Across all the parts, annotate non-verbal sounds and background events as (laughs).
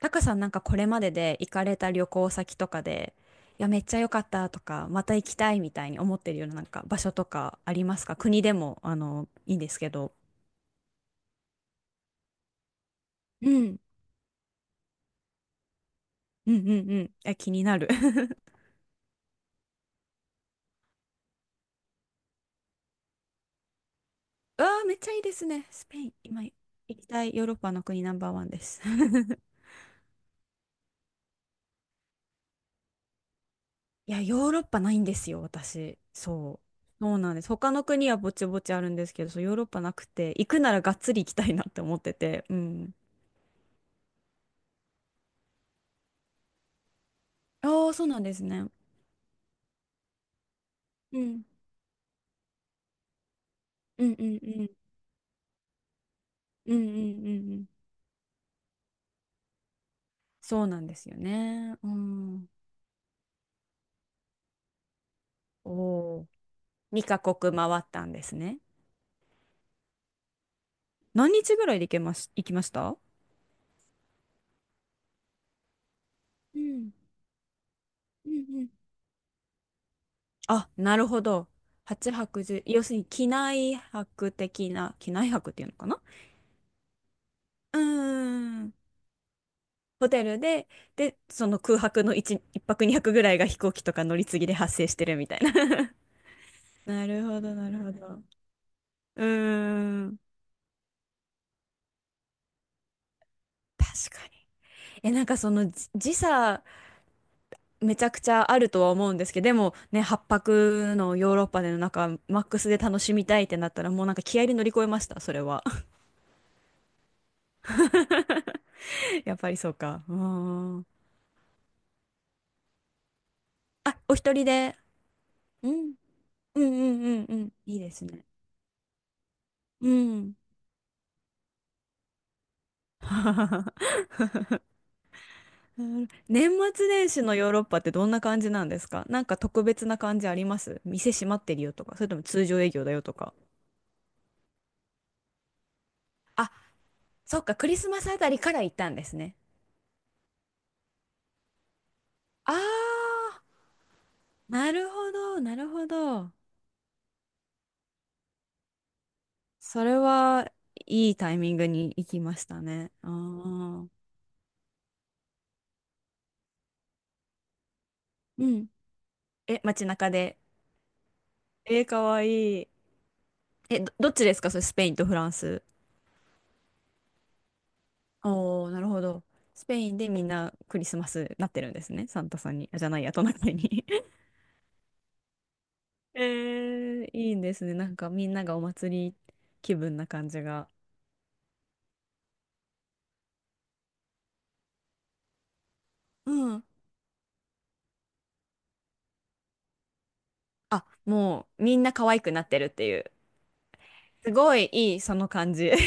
タカさん、なんかこれまでで行かれた旅行先とかで、いや、めっちゃ良かったとか、また行きたいみたいに思ってるような、なんか場所とかありますか？国でも、いいんですけど。うん。うんうんうん。(laughs) え、気になる。(laughs) うわあ、めっちゃいいですね。スペイン、今行きたいヨーロッパの国ナンバーワンです。(laughs) いや、ヨーロッパないんですよ、私。そう。そうなんです。他の国はぼちぼちあるんですけど、そう、ヨーロッパなくて、行くならがっつり行きたいなって思ってて。うん。ああ、そうなんですね。うんうんうんうんうんうんうんうん。そうなんですよね。うん。おお、2カ国回ったんですね。何日ぐらいで行きました？うんうんうん。あ、なるほど。8泊1要するに機内泊的な、機内泊っていうのかな？うーん。ホテルで、その空白の1、1泊2泊ぐらいが飛行機とか乗り継ぎで発生してるみたいな。(laughs) なるほど、なるほど。うーん。確かに。え、なんかその時差めちゃくちゃあるとは思うんですけど、でもね、8泊のヨーロッパでのなんか、マックスで楽しみたいってなったら、もうなんか気合で乗り越えました、それは。(laughs) やっぱりそうか。うーん。あ、お一人で。うん。うんうんうんうん。いいですね。うん。(laughs) 年末年始のヨーロッパってどんな感じなんですか？なんか特別な感じあります？店閉まってるよとか、それとも通常営業だよとか。あ、そっか、クリスマスあたりから行ったんですね。あー、なるほど、なるほど。それはいいタイミングに行きましたね。ああ。うん。え、街中で。えー、かわいい。え、どっちですか？それスペインとフランス。おお、なるほど。スペインでみんなクリスマスなってるんですね。サンタさんに、あ、じゃないや、トナカイに。(laughs) えー、いいですね。なんかみんながお祭り気分な感じが。うん。あ、もうみんな可愛くなってるっていう。すごいいい、その感じ。(laughs)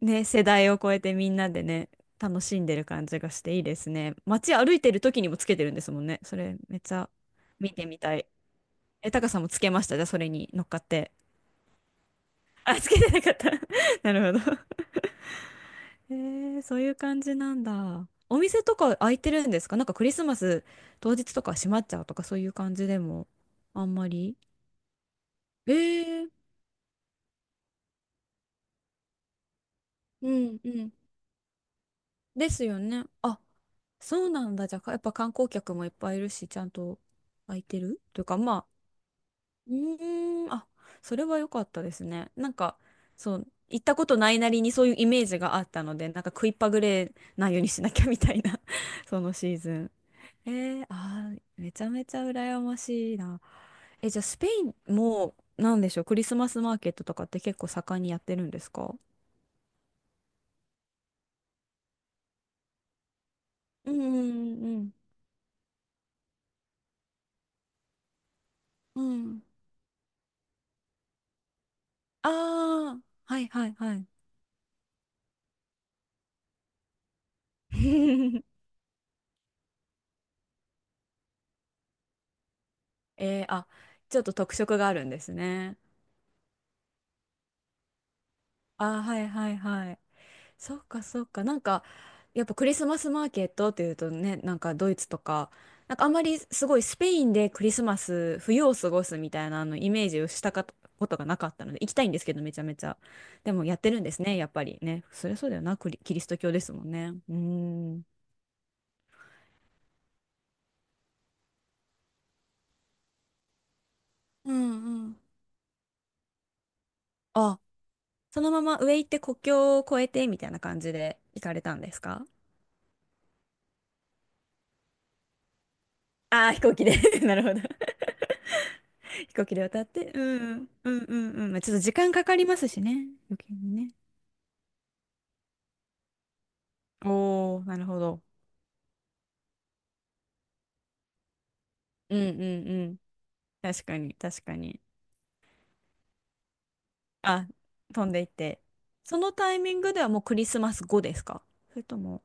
ね、世代を超えてみんなでね、楽しんでる感じがしていいですね。街歩いてる時にもつけてるんですもんね。それめっちゃ見てみたい。え、タカさんもつけました？じゃあそれに乗っかって。あ、つけてなかった。(laughs) なるほど。へえ、そういう感じなんだ。お店とか開いてるんですか？なんかクリスマス当日とか閉まっちゃうとか、そういう感じでも？あんまり。えー、うんうん。ですよね。あ、そうなんだ。じゃあ、やっぱ観光客もいっぱいいるし、ちゃんと空いてるというか、まあ、うーん、あ、それは良かったですね。なんか、そう、行ったことないなりにそういうイメージがあったので、なんか食いっぱぐれないようにしなきゃみたいな、 (laughs) そのシーズン。えー、あー、めちゃめちゃ羨ましいな。え、じゃあ、スペインも、なんでしょう、クリスマスマーケットとかって結構盛んにやってるんですか？うんうんうんうん。うん。ああ、はいはいはい。(laughs) えー、あ、ちょっと特色があるんですね。あー、はいはいはい。そっかそっか。なんか、やっぱクリスマスマーケットっていうとね、なんかドイツとか、なんかあんまりすごいスペインでクリスマス、冬を過ごすみたいな、あのイメージをしたかことがなかったので、行きたいんですけど、めちゃめちゃ。でもやってるんですね、やっぱりね。そりゃそうだよな、キリスト教ですもんね。うーん。うんうん。あ、そのまま上行って国境を越えてみたいな感じで行かれたんですか？ああー、飛行機で。 (laughs) なるほど。飛行機で渡って、うん、うん、うん、うん。まあ、ちょっと時間かかりますしね。余計にね。おお、なるほど。うんうんうん。確かに、確かに。あ、飛んでいって。そのタイミングではもうクリスマス後ですか？それとも。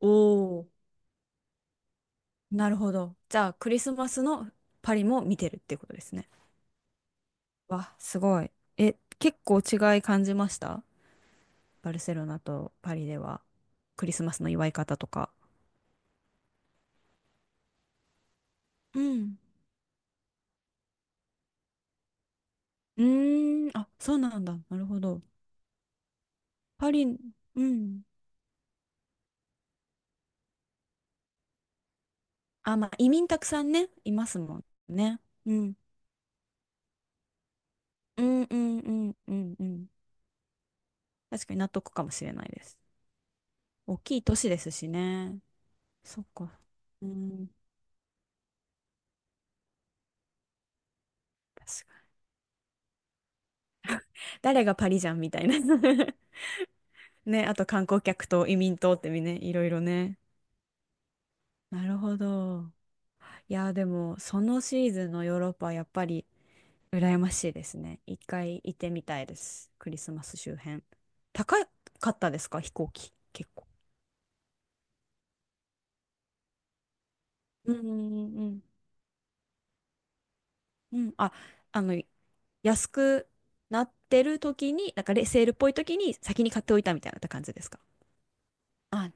おお、なるほど。じゃあ、クリスマスのパリも見てるっていうことですね。わ、すごい。え、結構違い感じました？バルセロナとパリではクリスマスの祝い方とか。うん。うーん、あ、そうなんだ。なるほど。パリ、うん。あ、まあ、移民たくさんね、いますもんね。うん。うんうんうんうんうん。確かに納得かもしれないです。大きい都市ですしね。そっか。うん。確かに。誰がパリじゃんみたいな。(laughs) ね、あと観光客と移民とってみね、いろいろね。なるほど。いや、でも、そのシーズンのヨーロッパはやっぱり羨ましいですね。一回行ってみたいです。クリスマス周辺。高かったですか？飛行機。結構。うんうんうん。うん。あ、あの、安くなってる時に、なんかレセールっぽい時に先に買っておいたみたいな感じですか？あ、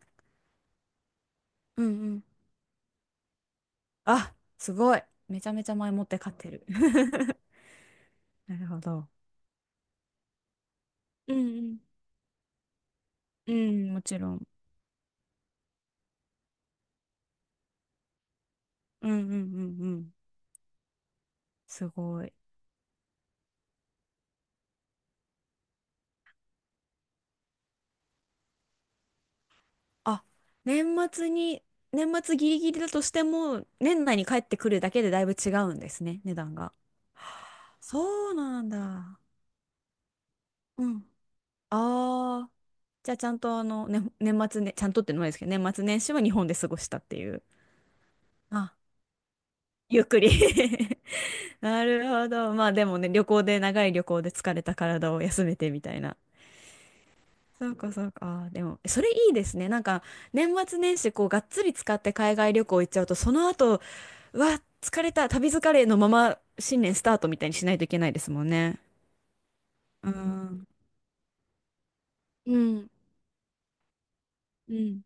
うんうん。あ、すごい。めちゃめちゃ前もって買ってる。(laughs) なるほど。うんうん。うん、もちろん。うんうんうんうん。すごい。あ、年末に、年末ギリギリだとしても、年内に帰ってくるだけでだいぶ違うんですね、値段が。そうなんだ。うん。ああ。じゃあちゃんとね、年末ね、ちゃんとってのもないですけど、年末年始は日本で過ごしたっていう。あ、ゆっくり。 (laughs) なるほど。まあでもね、旅行で、長い旅行で疲れた体を休めてみたいな。そうかそうか。あーでも、それいいですね。なんか、年末年始、こう、がっつり使って海外旅行行っちゃうと、その後、うわ、疲れた、旅疲れのまま新年スタートみたいにしないといけないですもんね。うん。うん、うん。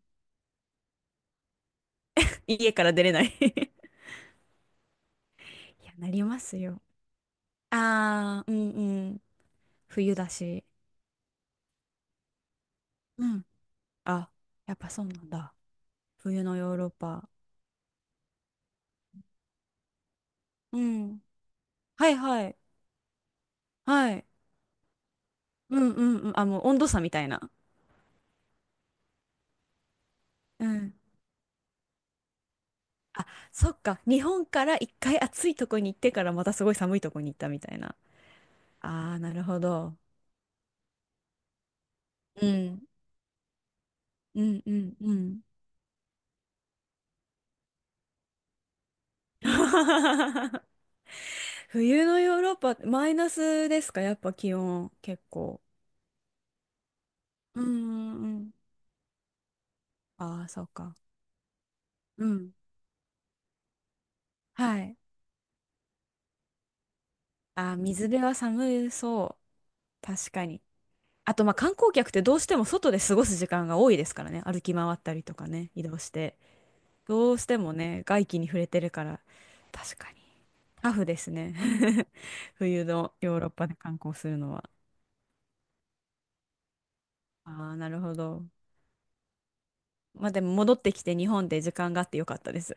家から出れない。 (laughs) いや、なりますよ。ああ、うんうん。冬だし。うん。あ、やっぱそうなんだ。冬のヨーロッパ。うん。はいはい。はい。うんうんうん。あ、もう温度差みたいな。うん。あ、そっか。日本から一回暑いとこに行ってからまたすごい寒いとこに行ったみたいな。ああ、なるほど。うん。うんうんうん。(laughs) 冬のヨーロッパ、マイナスですか？やっぱ気温、結構。うんうんうん。ああ、そうか。うん。はい。あー、水辺は寒そう。確かに。あと、まあ、観光客ってどうしても外で過ごす時間が多いですからね。歩き回ったりとかね、移動して。どうしてもね、外気に触れてるから、確かに。タフですね。(laughs) 冬のヨーロッパで観光するのは。ああ、なるほど。まあ、でも戻ってきて日本で時間があってよかったです。